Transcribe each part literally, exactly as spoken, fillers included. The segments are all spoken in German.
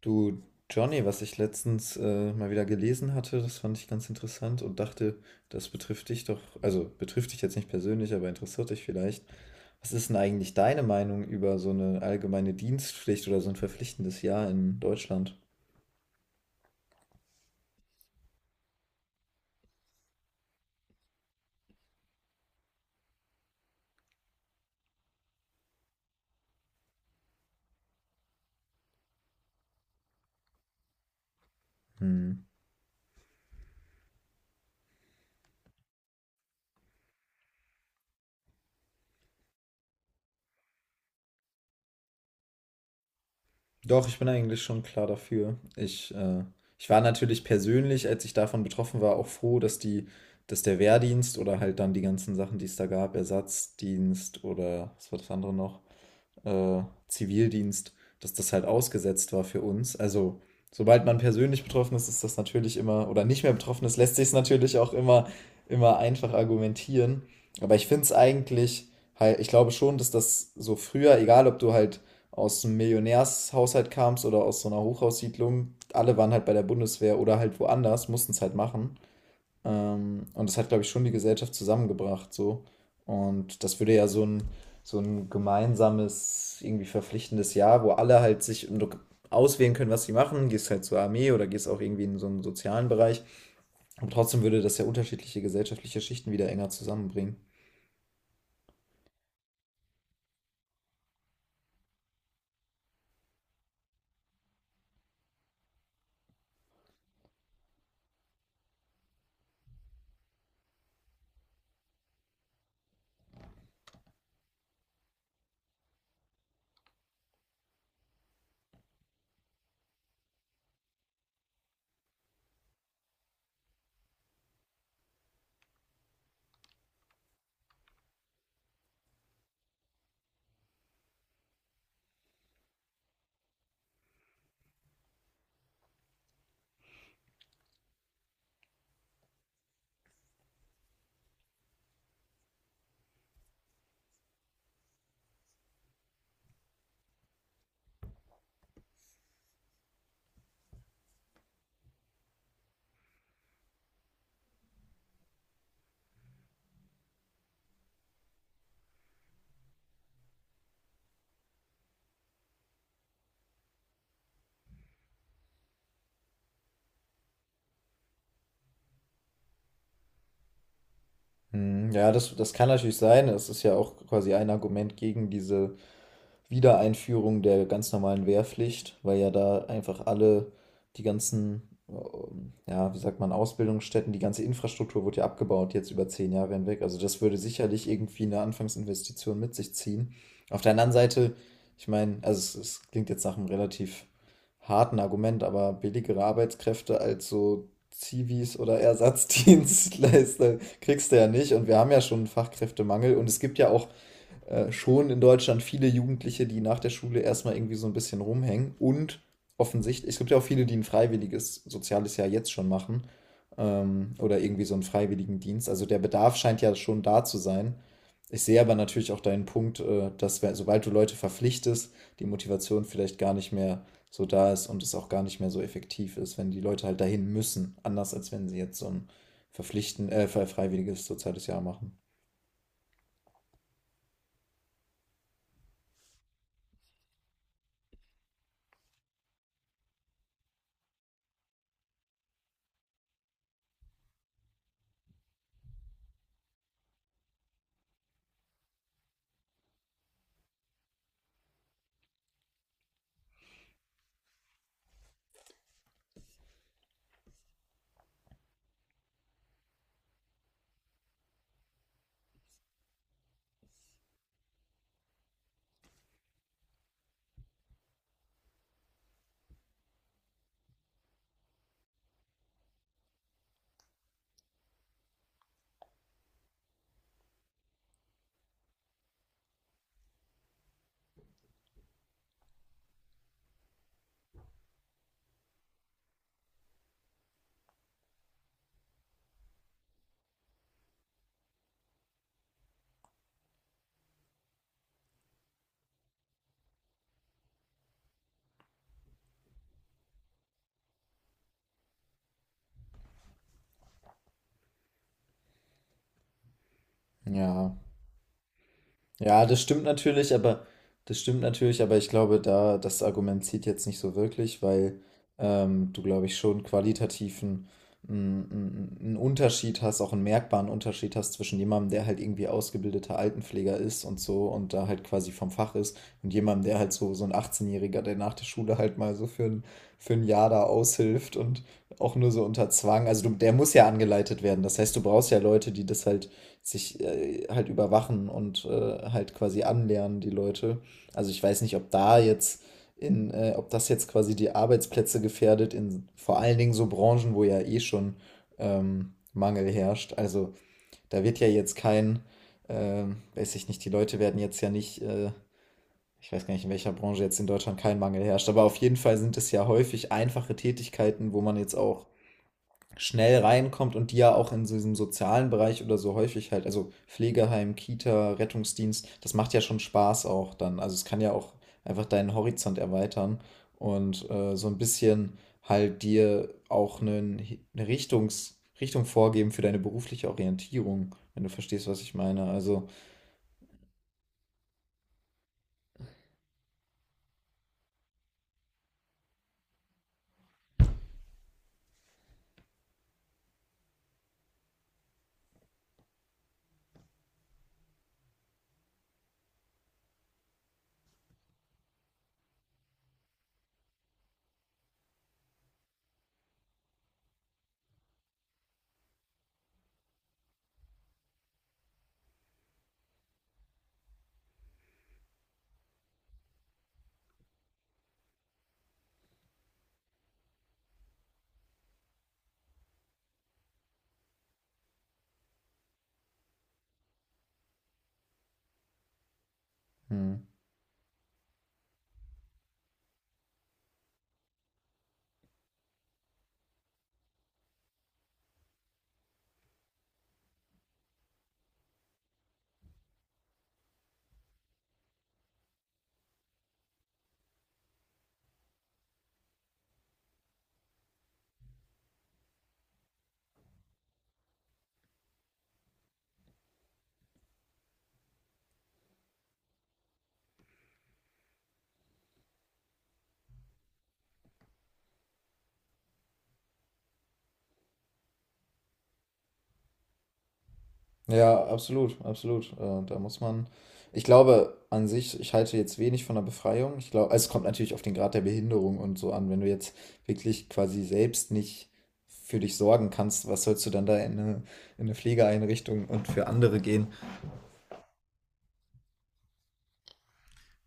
Du, Johnny, was ich letztens äh, mal wieder gelesen hatte, das fand ich ganz interessant und dachte, das betrifft dich doch, also betrifft dich jetzt nicht persönlich, aber interessiert dich vielleicht. Was ist denn eigentlich deine Meinung über so eine allgemeine Dienstpflicht oder so ein verpflichtendes Jahr in Deutschland? Hm. Doch, ich bin eigentlich schon klar dafür. Ich, äh, ich war natürlich persönlich, als ich davon betroffen war, auch froh, dass die, dass der Wehrdienst oder halt dann die ganzen Sachen, die es da gab, Ersatzdienst oder was war das andere noch? äh, Zivildienst, dass das halt ausgesetzt war für uns. Also sobald man persönlich betroffen ist, ist das natürlich immer, oder nicht mehr betroffen ist, lässt sich es natürlich auch immer, immer einfach argumentieren. Aber ich finde es eigentlich, halt, ich glaube schon, dass das so früher, egal ob du halt aus einem Millionärshaushalt kamst oder aus so einer Hochhaussiedlung, alle waren halt bei der Bundeswehr oder halt woanders, mussten es halt machen. Ähm, und das hat, glaube ich, schon die Gesellschaft zusammengebracht, so. Und das würde ja so ein, so ein gemeinsames, irgendwie verpflichtendes Jahr, wo alle halt sich im Dok- auswählen können, was sie machen. Gehst halt zur Armee oder gehst auch irgendwie in so einen sozialen Bereich. Und trotzdem würde das ja unterschiedliche gesellschaftliche Schichten wieder enger zusammenbringen. Hm. Ja, das, das kann natürlich sein. Das ist ja auch quasi ein Argument gegen diese Wiedereinführung der ganz normalen Wehrpflicht, weil ja da einfach alle die ganzen, ähm, ja, wie sagt man, Ausbildungsstätten, die ganze Infrastruktur wurde ja abgebaut jetzt über zehn Jahre hinweg. Also das würde sicherlich irgendwie eine Anfangsinvestition mit sich ziehen. Auf der anderen Seite, ich meine, also es, es klingt jetzt nach einem relativ harten Argument, aber billigere Arbeitskräfte als so Zivis oder Ersatzdienstleister kriegst du ja nicht. Und wir haben ja schon einen Fachkräftemangel und es gibt ja auch äh, schon in Deutschland viele Jugendliche, die nach der Schule erstmal irgendwie so ein bisschen rumhängen und offensichtlich, es gibt ja auch viele, die ein freiwilliges soziales Jahr jetzt schon machen, ähm, oder irgendwie so einen freiwilligen Dienst. Also der Bedarf scheint ja schon da zu sein. Ich sehe aber natürlich auch deinen Punkt, äh, dass wer- sobald du Leute verpflichtest, die Motivation vielleicht gar nicht mehr so da ist und es auch gar nicht mehr so effektiv ist, wenn die Leute halt dahin müssen, anders als wenn sie jetzt so ein verpflichten, äh, freiwilliges soziales Jahr machen. Ja. Ja, das stimmt natürlich, aber das stimmt natürlich, aber ich glaube, da das Argument zieht jetzt nicht so wirklich, weil ähm, du, glaube ich, schon qualitativen mm, mm, mm, einen Unterschied hast, auch einen merkbaren Unterschied hast zwischen jemandem, der halt irgendwie ausgebildeter Altenpfleger ist und so und da halt quasi vom Fach ist und jemandem, der halt so, so ein achtzehn-Jähriger, der nach der Schule halt mal so für ein, für ein Jahr da aushilft und auch nur so unter Zwang. Also du, der muss ja angeleitet werden. Das heißt, du brauchst ja Leute, die das halt sich äh, halt überwachen und äh, halt quasi anlernen, die Leute. Also ich weiß nicht, ob da jetzt in, äh, ob das jetzt quasi die Arbeitsplätze gefährdet, in vor allen Dingen so Branchen, wo ja eh schon ähm, Mangel herrscht. Also da wird ja jetzt kein, ähm, weiß ich nicht, die Leute werden jetzt ja nicht, äh, ich weiß gar nicht, in welcher Branche jetzt in Deutschland kein Mangel herrscht, aber auf jeden Fall sind es ja häufig einfache Tätigkeiten, wo man jetzt auch schnell reinkommt und die ja auch in so diesem sozialen Bereich oder so häufig halt, also Pflegeheim, Kita, Rettungsdienst, das macht ja schon Spaß auch dann. Also es kann ja auch einfach deinen Horizont erweitern und äh, so ein bisschen halt dir auch eine, eine Richtungs, Richtung vorgeben für deine berufliche Orientierung, wenn du verstehst, was ich meine. Also, hm. Ja, absolut, absolut. Äh, da muss man, ich glaube an sich, ich halte jetzt wenig von der Befreiung. Ich glaube, also es kommt natürlich auf den Grad der Behinderung und so an. Wenn du jetzt wirklich quasi selbst nicht für dich sorgen kannst, was sollst du dann da in eine, in eine Pflegeeinrichtung und für andere gehen?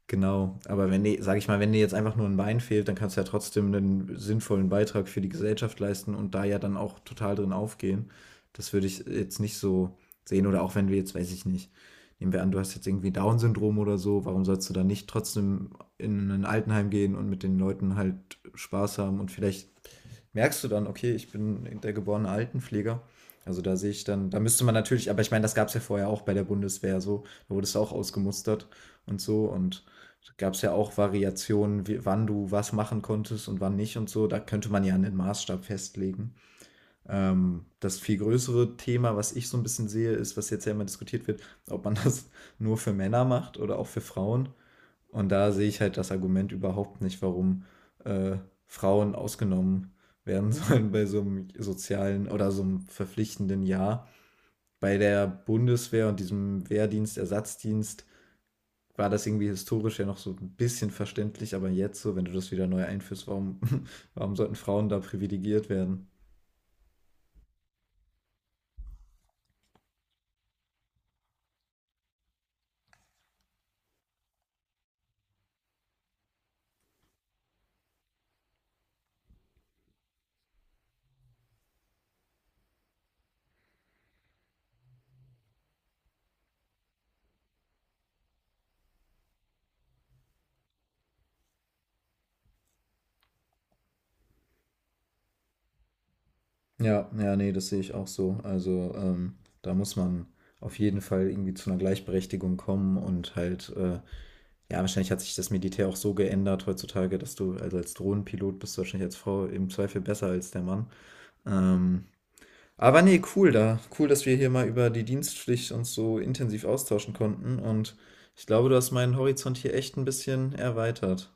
Genau, aber wenn dir, sag ich mal, wenn dir jetzt einfach nur ein Bein fehlt, dann kannst du ja trotzdem einen sinnvollen Beitrag für die Gesellschaft leisten und da ja dann auch total drin aufgehen. Das würde ich jetzt nicht so sehen. Oder auch wenn wir jetzt, weiß ich nicht, nehmen wir an, du hast jetzt irgendwie Down-Syndrom oder so, warum sollst du dann nicht trotzdem in ein Altenheim gehen und mit den Leuten halt Spaß haben? Und vielleicht merkst du dann, okay, ich bin der geborene Altenpfleger. Also da sehe ich dann, da müsste man natürlich, aber ich meine, das gab es ja vorher auch bei der Bundeswehr so, da wurdest du auch ausgemustert und so und gab es ja auch Variationen, w wann du was machen konntest und wann nicht und so. Da könnte man ja einen Maßstab festlegen. Ähm, das viel größere Thema, was ich so ein bisschen sehe, ist, was jetzt ja immer diskutiert wird, ob man das nur für Männer macht oder auch für Frauen. Und da sehe ich halt das Argument überhaupt nicht, warum, äh, Frauen ausgenommen werden sollen bei so einem sozialen oder so einem verpflichtenden Jahr. Bei der Bundeswehr und diesem Wehrdienst, Ersatzdienst war das irgendwie historisch ja noch so ein bisschen verständlich, aber jetzt so, wenn du das wieder neu einführst, warum, warum sollten Frauen da privilegiert werden? Ja, ja, nee, das sehe ich auch so. Also ähm, da muss man auf jeden Fall irgendwie zu einer Gleichberechtigung kommen und halt, äh, ja, wahrscheinlich hat sich das Militär auch so geändert heutzutage, dass du also als Drohnenpilot bist du wahrscheinlich als Frau im Zweifel besser als der Mann. Ähm, Aber nee, cool da. Cool, dass wir hier mal über die Dienstpflicht uns so intensiv austauschen konnten. Und ich glaube, du hast meinen Horizont hier echt ein bisschen erweitert.